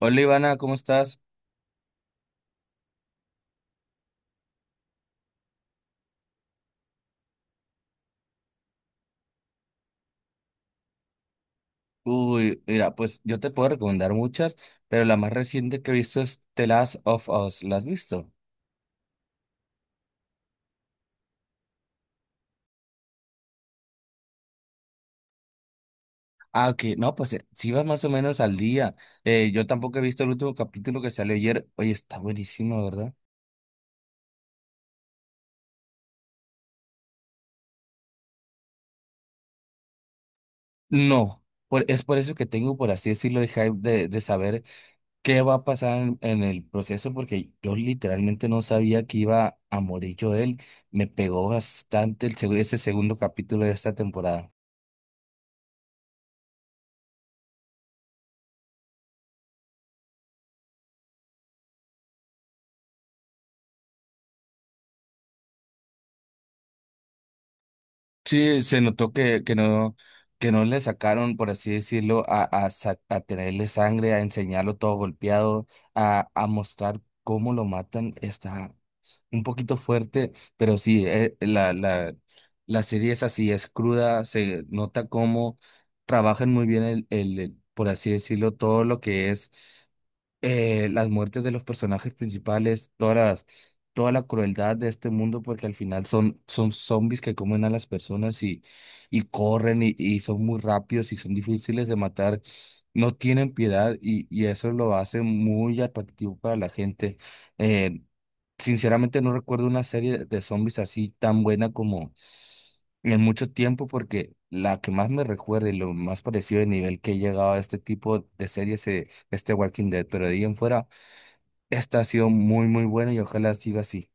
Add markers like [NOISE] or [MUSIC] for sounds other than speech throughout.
Hola Ivana, ¿cómo estás? Uy, mira, pues yo te puedo recomendar muchas, pero la más reciente que he visto es The Last of Us. ¿La has visto? Ah, ok, no, pues sí vas más o menos al día. Yo tampoco he visto el último capítulo que salió ayer. Oye, está buenísimo, ¿verdad? No, es por eso que tengo, por así decirlo, el hype de saber qué va a pasar en el proceso, porque yo literalmente no sabía que iba a morir yo él. Me pegó bastante ese segundo capítulo de esta temporada. Sí, se notó que no le sacaron, por así decirlo, a tenerle sangre, a enseñarlo todo golpeado, a mostrar cómo lo matan. Está un poquito fuerte, pero sí, la serie es así, es cruda, se nota cómo trabajan muy bien por así decirlo, todo lo que es las muertes de los personajes principales, toda la crueldad de este mundo, porque al final son zombies que comen a las personas y corren y son muy rápidos y son difíciles de matar, no tienen piedad y eso lo hace muy atractivo para la gente. Eh, Sinceramente no recuerdo una serie de zombies así tan buena como en mucho tiempo porque la que más me recuerda y lo más parecido de nivel que he llegado a este tipo de series es este Walking Dead, pero de ahí en fuera esta ha sido muy, muy buena y ojalá siga así.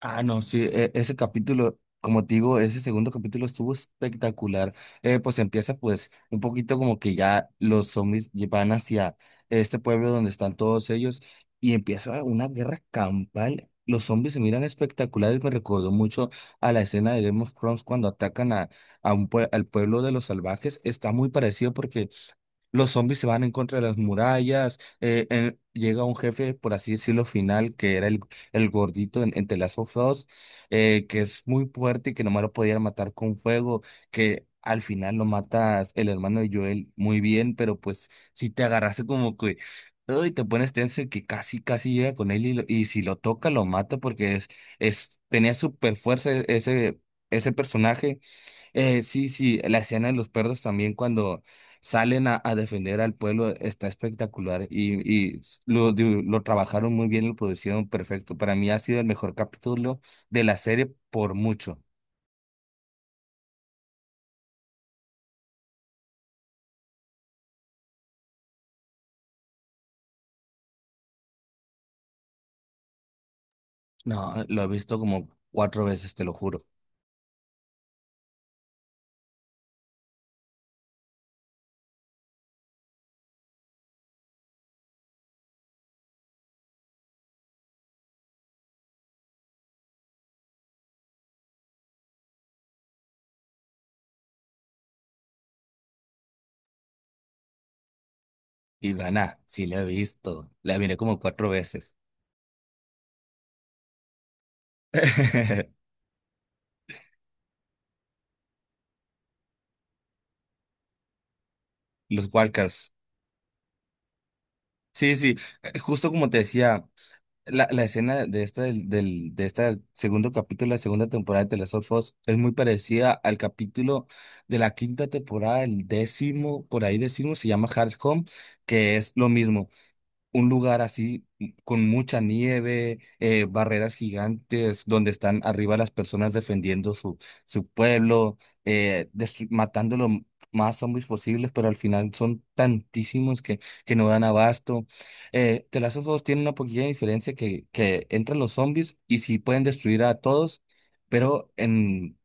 Ah, no, sí, ese capítulo, como te digo, ese segundo capítulo estuvo espectacular. Pues empieza pues un poquito como que ya los zombies van hacia este pueblo donde están todos ellos y empieza una guerra campal. Los zombies se miran espectaculares, me recordó mucho a la escena de Game of Thrones cuando atacan a un al pueblo de los salvajes. Está muy parecido porque los zombies se van en contra de las murallas. Llega un jefe, por así decirlo, final, que era el gordito en The Last of Us, que es muy fuerte y que nomás lo podían matar con fuego, que al final lo mata el hermano de Joel muy bien, pero pues si te agarraste como que... Y te pones tenso de que casi llega con él y, y si lo toca, lo mata porque tenía super fuerza ese personaje. Sí, sí, la escena de los perros también cuando salen a defender al pueblo está espectacular y, lo trabajaron muy bien, lo producieron perfecto. Para mí ha sido el mejor capítulo de la serie por mucho. No, lo he visto como cuatro veces, te lo juro. Y Ivana, sí la he visto, la miré como cuatro veces. [LAUGHS] Los Walkers. Sí, sí, justo como te decía. La escena de esta de este segundo capítulo de la segunda temporada de The Last of Us es muy parecida al capítulo de la quinta temporada, el décimo, por ahí décimo se llama Hard Home, que es lo mismo un lugar así con mucha nieve, barreras gigantes donde están arriba las personas defendiendo su pueblo, matando más zombies posibles, pero al final son tantísimos que no dan abasto. The Last of Us tiene una poquilla diferencia que entran los zombies y sí pueden destruir a todos, pero en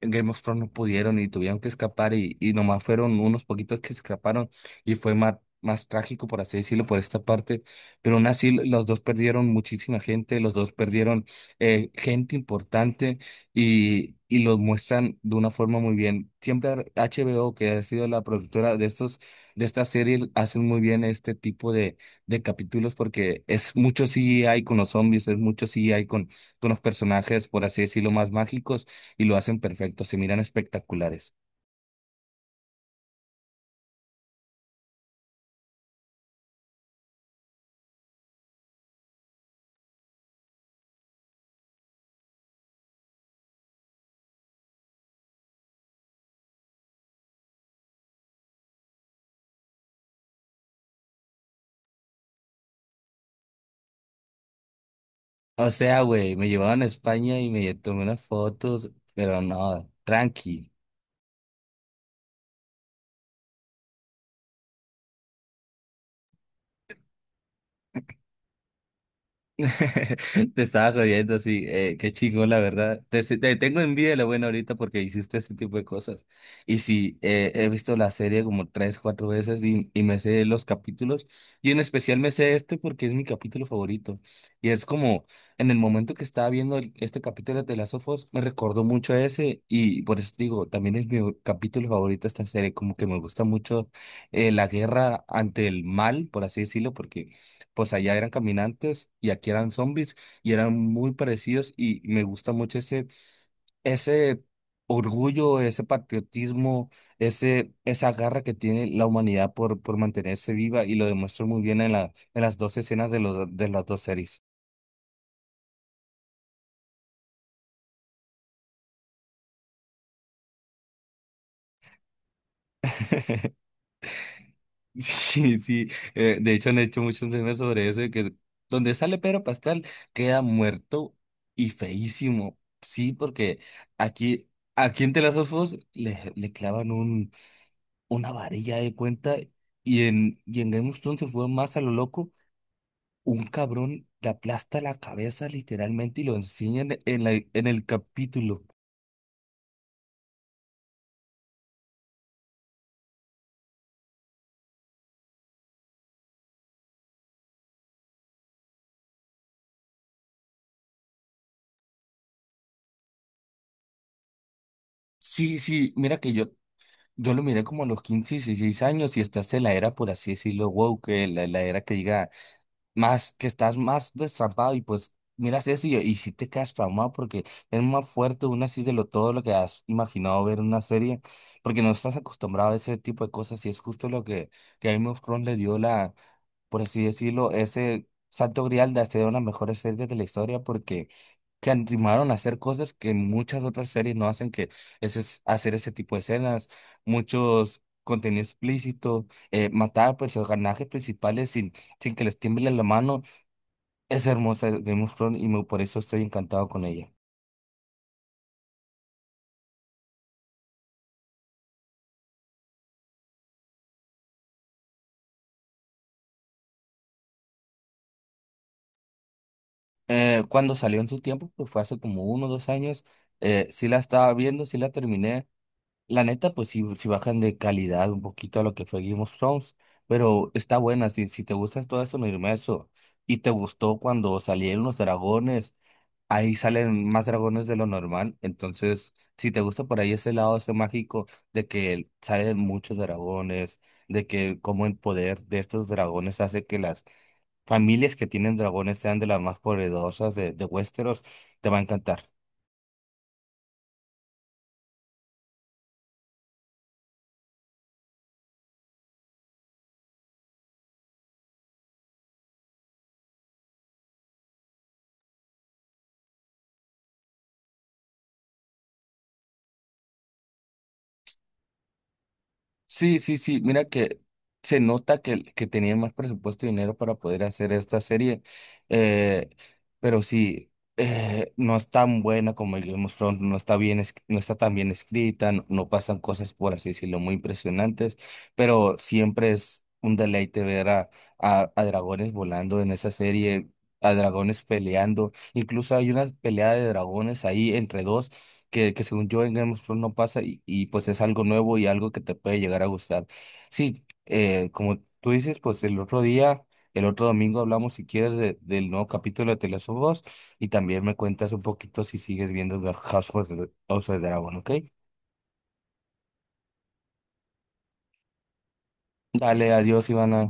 en Game of Thrones no pudieron y tuvieron que escapar y nomás fueron unos poquitos que escaparon y fue más, más trágico, por así decirlo, por esta parte, pero aún así los dos perdieron muchísima gente, los dos perdieron gente importante y los muestran de una forma muy bien. Siempre HBO, que ha sido la productora de estos, de esta serie, hacen muy bien este tipo de capítulos porque es mucho CGI con los zombies, es mucho CGI con los personajes, por así decirlo, más mágicos y lo hacen perfecto, se miran espectaculares. O sea, güey, me llevaban a España y me tomé unas fotos, pero no, tranqui. [LAUGHS] Te estaba jodiendo, sí, qué chingón, la verdad. Te tengo envidia de lo bueno ahorita porque hiciste ese tipo de cosas. Y sí, he visto la serie como tres, cuatro veces y me sé los capítulos. Y en especial me sé este porque es mi capítulo favorito. Y es como, en el momento que estaba viendo este capítulo de las ofos me recordó mucho a ese. Y por eso te digo, también es mi capítulo favorito de esta serie. Como que me gusta mucho la guerra ante el mal, por así decirlo, porque pues allá eran caminantes y aquí eran zombies y eran muy parecidos y me gusta mucho ese orgullo, ese patriotismo, esa garra que tiene la humanidad por mantenerse viva y lo demuestra muy bien en en las dos escenas de de las dos series. [LAUGHS] Sí, sí, de hecho han hecho muchos memes sobre eso, de que donde sale Pedro Pascal queda muerto y feísimo, sí, porque aquí, aquí en The Last of Us le clavan una varilla de cuenta y en Game of Thrones se fue más a lo loco. Un cabrón le aplasta la cabeza literalmente y lo enseñan en el capítulo. Sí, sí, mira que yo lo miré como a los 15 16 años y estás en la era, por así decirlo, wow, la era que diga más que estás más destrampado y pues miras eso y sí te quedas traumado porque es más fuerte una así de lo todo lo que has imaginado ver en una serie porque no estás acostumbrado a ese tipo de cosas y es justo lo que a Game of Thrones le dio la, por así decirlo, ese santo grial de hacer una mejor serie de la historia porque se animaron a hacer cosas que muchas otras series no hacen que es hacer ese tipo de escenas, muchos contenido explícito, matar a personajes principales sin que les tiemble la mano es hermosa Game of Thrones y por eso estoy encantado con ella. Cuando salió en su tiempo, pues fue hace como uno o dos años, sí la estaba viendo, sí la terminé. La neta, pues sí, sí bajan de calidad un poquito a lo que fue Game of Thrones, pero está buena. Si te gustas todo eso, no irme a eso. Y te gustó cuando salieron los dragones, ahí salen más dragones de lo normal. Entonces, si te gusta por ahí ese lado, ese mágico de que salen muchos dragones de que como el poder de estos dragones hace que las familias que tienen dragones sean de las más poderosas de Westeros, te va a encantar. Sí, sí, sí, mira que se nota que tenían más presupuesto y dinero para poder hacer esta serie, eh, pero sí, no es tan buena como el Game of Thrones, no está bien, no está tan bien escrita, no, no pasan cosas, por así decirlo, muy impresionantes, pero siempre es un deleite ver a dragones volando en esa serie, a dragones peleando, incluso hay una pelea de dragones ahí entre dos que según yo en Game of Thrones no pasa y pues es algo nuevo y algo que te puede llegar a gustar. Sí, como tú dices, pues el otro día, el otro domingo hablamos si quieres del nuevo capítulo de The Last of Us y también me cuentas un poquito si sigues viendo The House of the Dragon, ¿ok? Dale, adiós, Ivana.